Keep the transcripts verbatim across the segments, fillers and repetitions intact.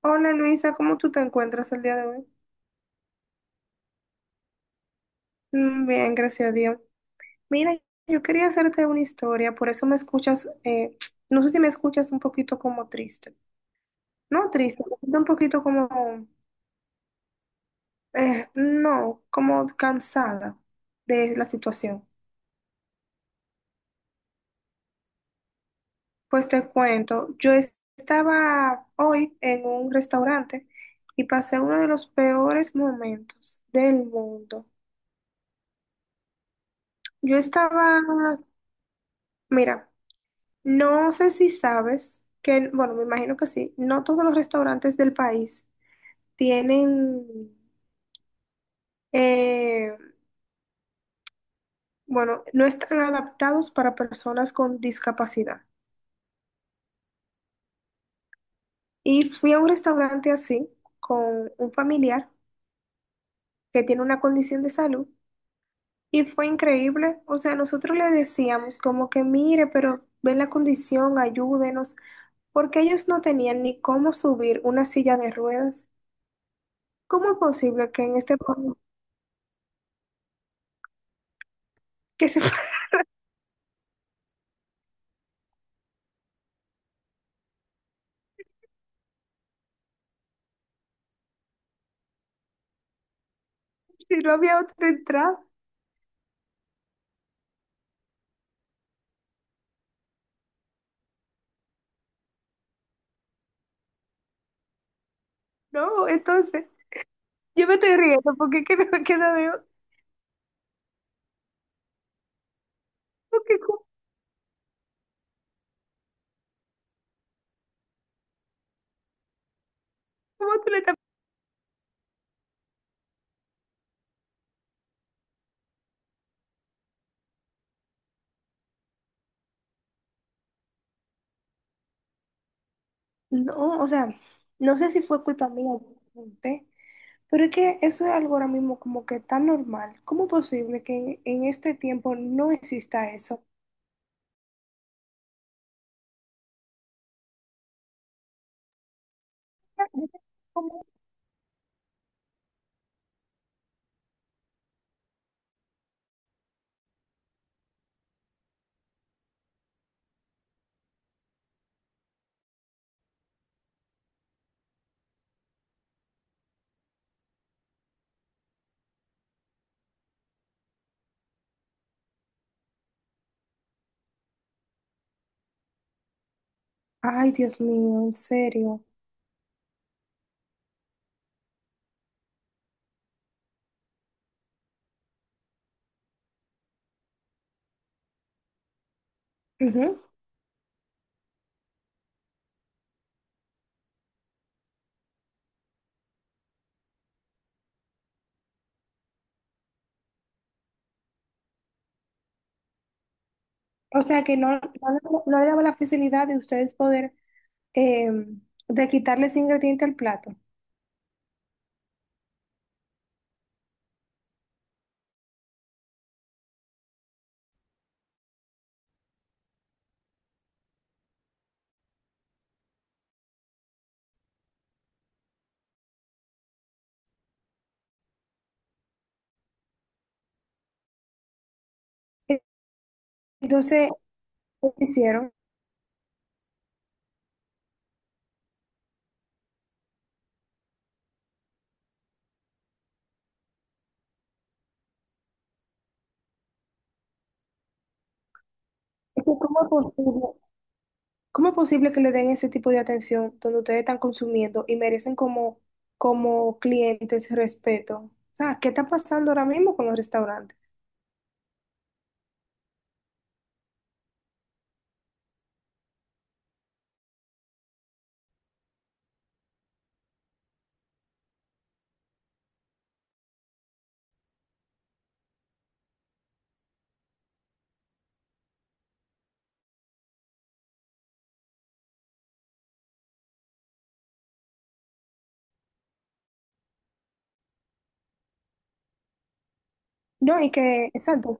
Hola Luisa, ¿cómo tú te encuentras el día de hoy? Mm, Bien, gracias a Dios. Mira, yo quería hacerte una historia, por eso me escuchas, eh, no sé si me escuchas un poquito como triste. No triste, un poquito como, eh, no, como cansada de la situación. Pues te cuento, yo es- estaba hoy en un restaurante y pasé uno de los peores momentos del mundo. Yo estaba, mira. No sé si sabes que, bueno, me imagino que sí, no todos los restaurantes del país tienen, eh, bueno, no están adaptados para personas con discapacidad. Y fui a un restaurante así con un familiar que tiene una condición de salud y fue increíble. O sea, nosotros le decíamos como que mire, pero ven la condición, ayúdenos, porque ellos no tenían ni cómo subir una silla de ruedas. ¿Cómo es posible que en este país que se Si no había otra entrada, no, entonces, yo me estoy riendo porque es que no me queda de otra, porque ¿cómo, cómo tú le estás... No, o sea, no sé si fue culpa mía, ¿eh? Pero es que eso es algo ahora mismo como que tan normal. ¿Cómo es posible que en, en este tiempo no exista eso? ¿Cómo? Ay, Dios mío, en serio. Ujú. O sea que no, no, le no le daba la facilidad de ustedes poder eh, de quitarles ingrediente al plato. Entonces, ¿qué hicieron? Es que ¿cómo es posible, cómo es posible que le den ese tipo de atención donde ustedes están consumiendo y merecen como, como clientes respeto? O sea, ¿qué está pasando ahora mismo con los restaurantes? No, y que, exacto,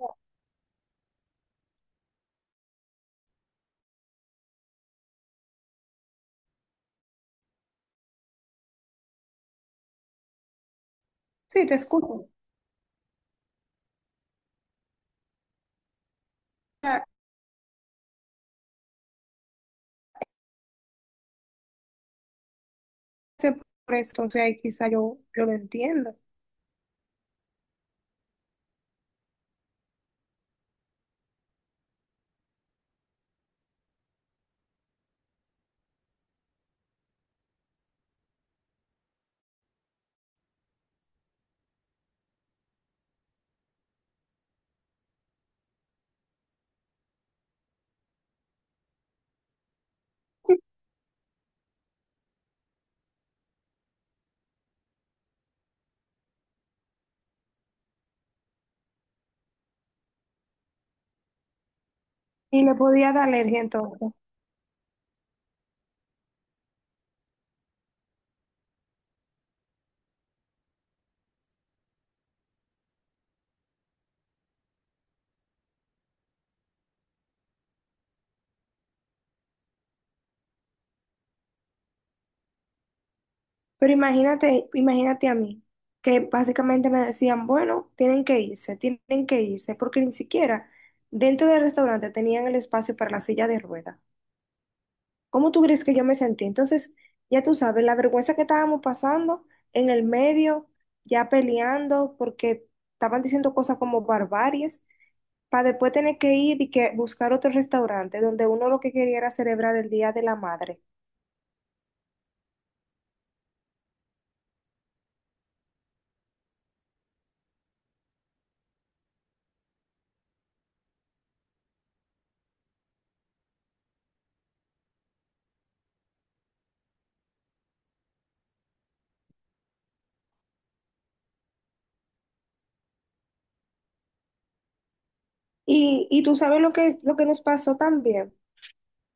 sí, te escucho. O sea, ese por eso, entonces ahí quizá yo, yo lo entiendo. Y le podía dar alergia entonces. Pero imagínate, imagínate a mí, que básicamente me decían, bueno, tienen que irse, tienen que irse, porque ni siquiera dentro del restaurante tenían el espacio para la silla de ruedas. ¿Cómo tú crees que yo me sentí? Entonces, ya tú sabes, la vergüenza que estábamos pasando en el medio, ya peleando porque estaban diciendo cosas como barbarias, para después tener que ir y que buscar otro restaurante donde uno lo que quería era celebrar el Día de la Madre. Y, y tú sabes lo que, lo que nos pasó también,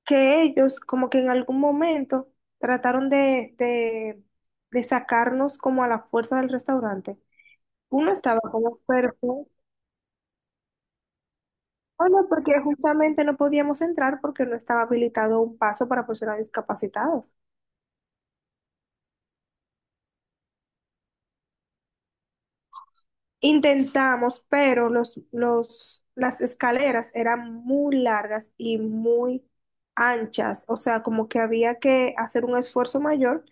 que ellos como que en algún momento trataron de, de, de sacarnos como a la fuerza del restaurante. Uno estaba como, pero... Oh, no, porque justamente no podíamos entrar porque no estaba habilitado un paso para personas discapacitadas. Intentamos, pero los, los, las escaleras eran muy largas y muy anchas, o sea, como que había que hacer un esfuerzo mayor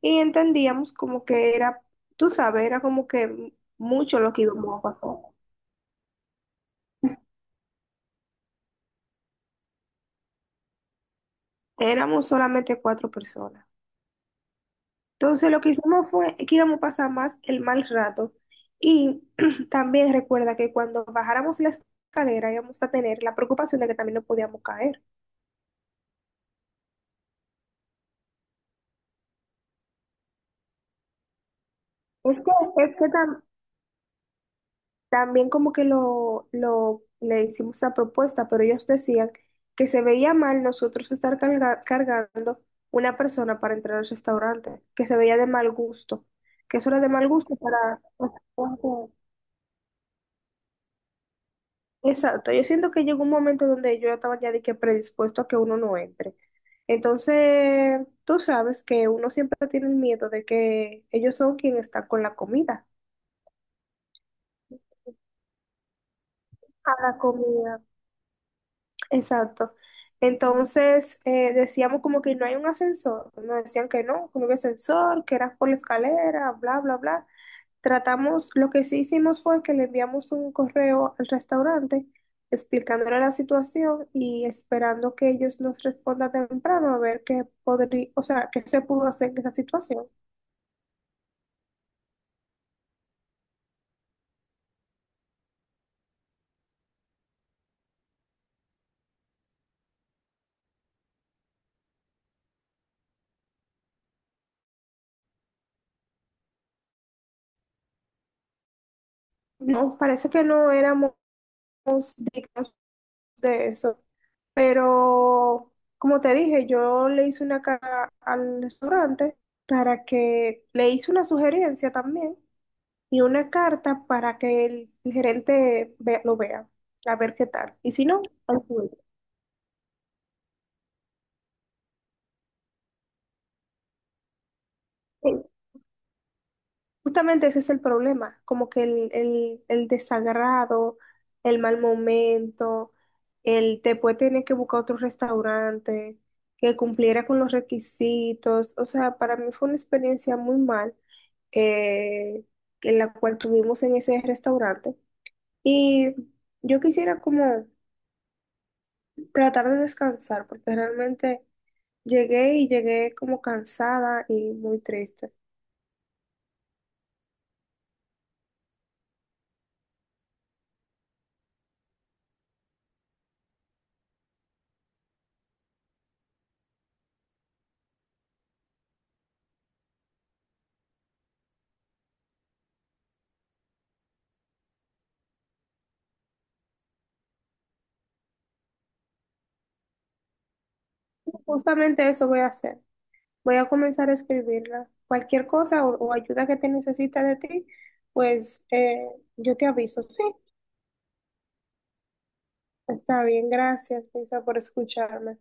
y entendíamos como que era, tú sabes, era como que mucho lo que íbamos a pasar. Éramos solamente cuatro personas. Entonces lo que hicimos fue que íbamos a pasar más el mal rato. Y también recuerda que cuando bajáramos la escalera íbamos a tener la preocupación de que también nos podíamos caer. Es que, es que tam- también como que lo, lo- le hicimos esa propuesta, pero ellos decían que se veía mal nosotros estar carga- cargando una persona para entrar al restaurante, que se veía de mal gusto, que eso era de mal gusto para... Exacto, yo siento que llegó un momento donde yo estaba ya de que predispuesto a que uno no entre. Entonces, tú sabes que uno siempre tiene el miedo de que ellos son quienes están con la comida. A la comida. Exacto. Entonces, eh, decíamos como que no hay un ascensor. Nos decían que no, que no había ascensor, que era por la escalera, bla, bla, bla. Tratamos, lo que sí hicimos fue que le enviamos un correo al restaurante explicándole la situación y esperando que ellos nos respondan temprano a ver qué podría, o sea, qué se pudo hacer en esa situación. No, parece que no éramos dignos de eso, pero como te dije, yo le hice una cara al restaurante para que le hice una sugerencia también y una carta para que el, el gerente ve- lo vea, a ver qué tal. Y si no, al juez. Eh, Justamente ese es el problema, como que el, el, el desagrado, el mal momento, el después tener que buscar otro restaurante que cumpliera con los requisitos. O sea, para mí fue una experiencia muy mal eh, en la cual tuvimos en ese restaurante. Y yo quisiera como tratar de descansar, porque realmente llegué y llegué como cansada y muy triste. Justamente eso voy a hacer. Voy a comenzar a escribirla. Cualquier cosa o, o ayuda que te necesite de ti, pues eh, yo te aviso. Sí, está bien. Gracias, Lisa, por escucharme.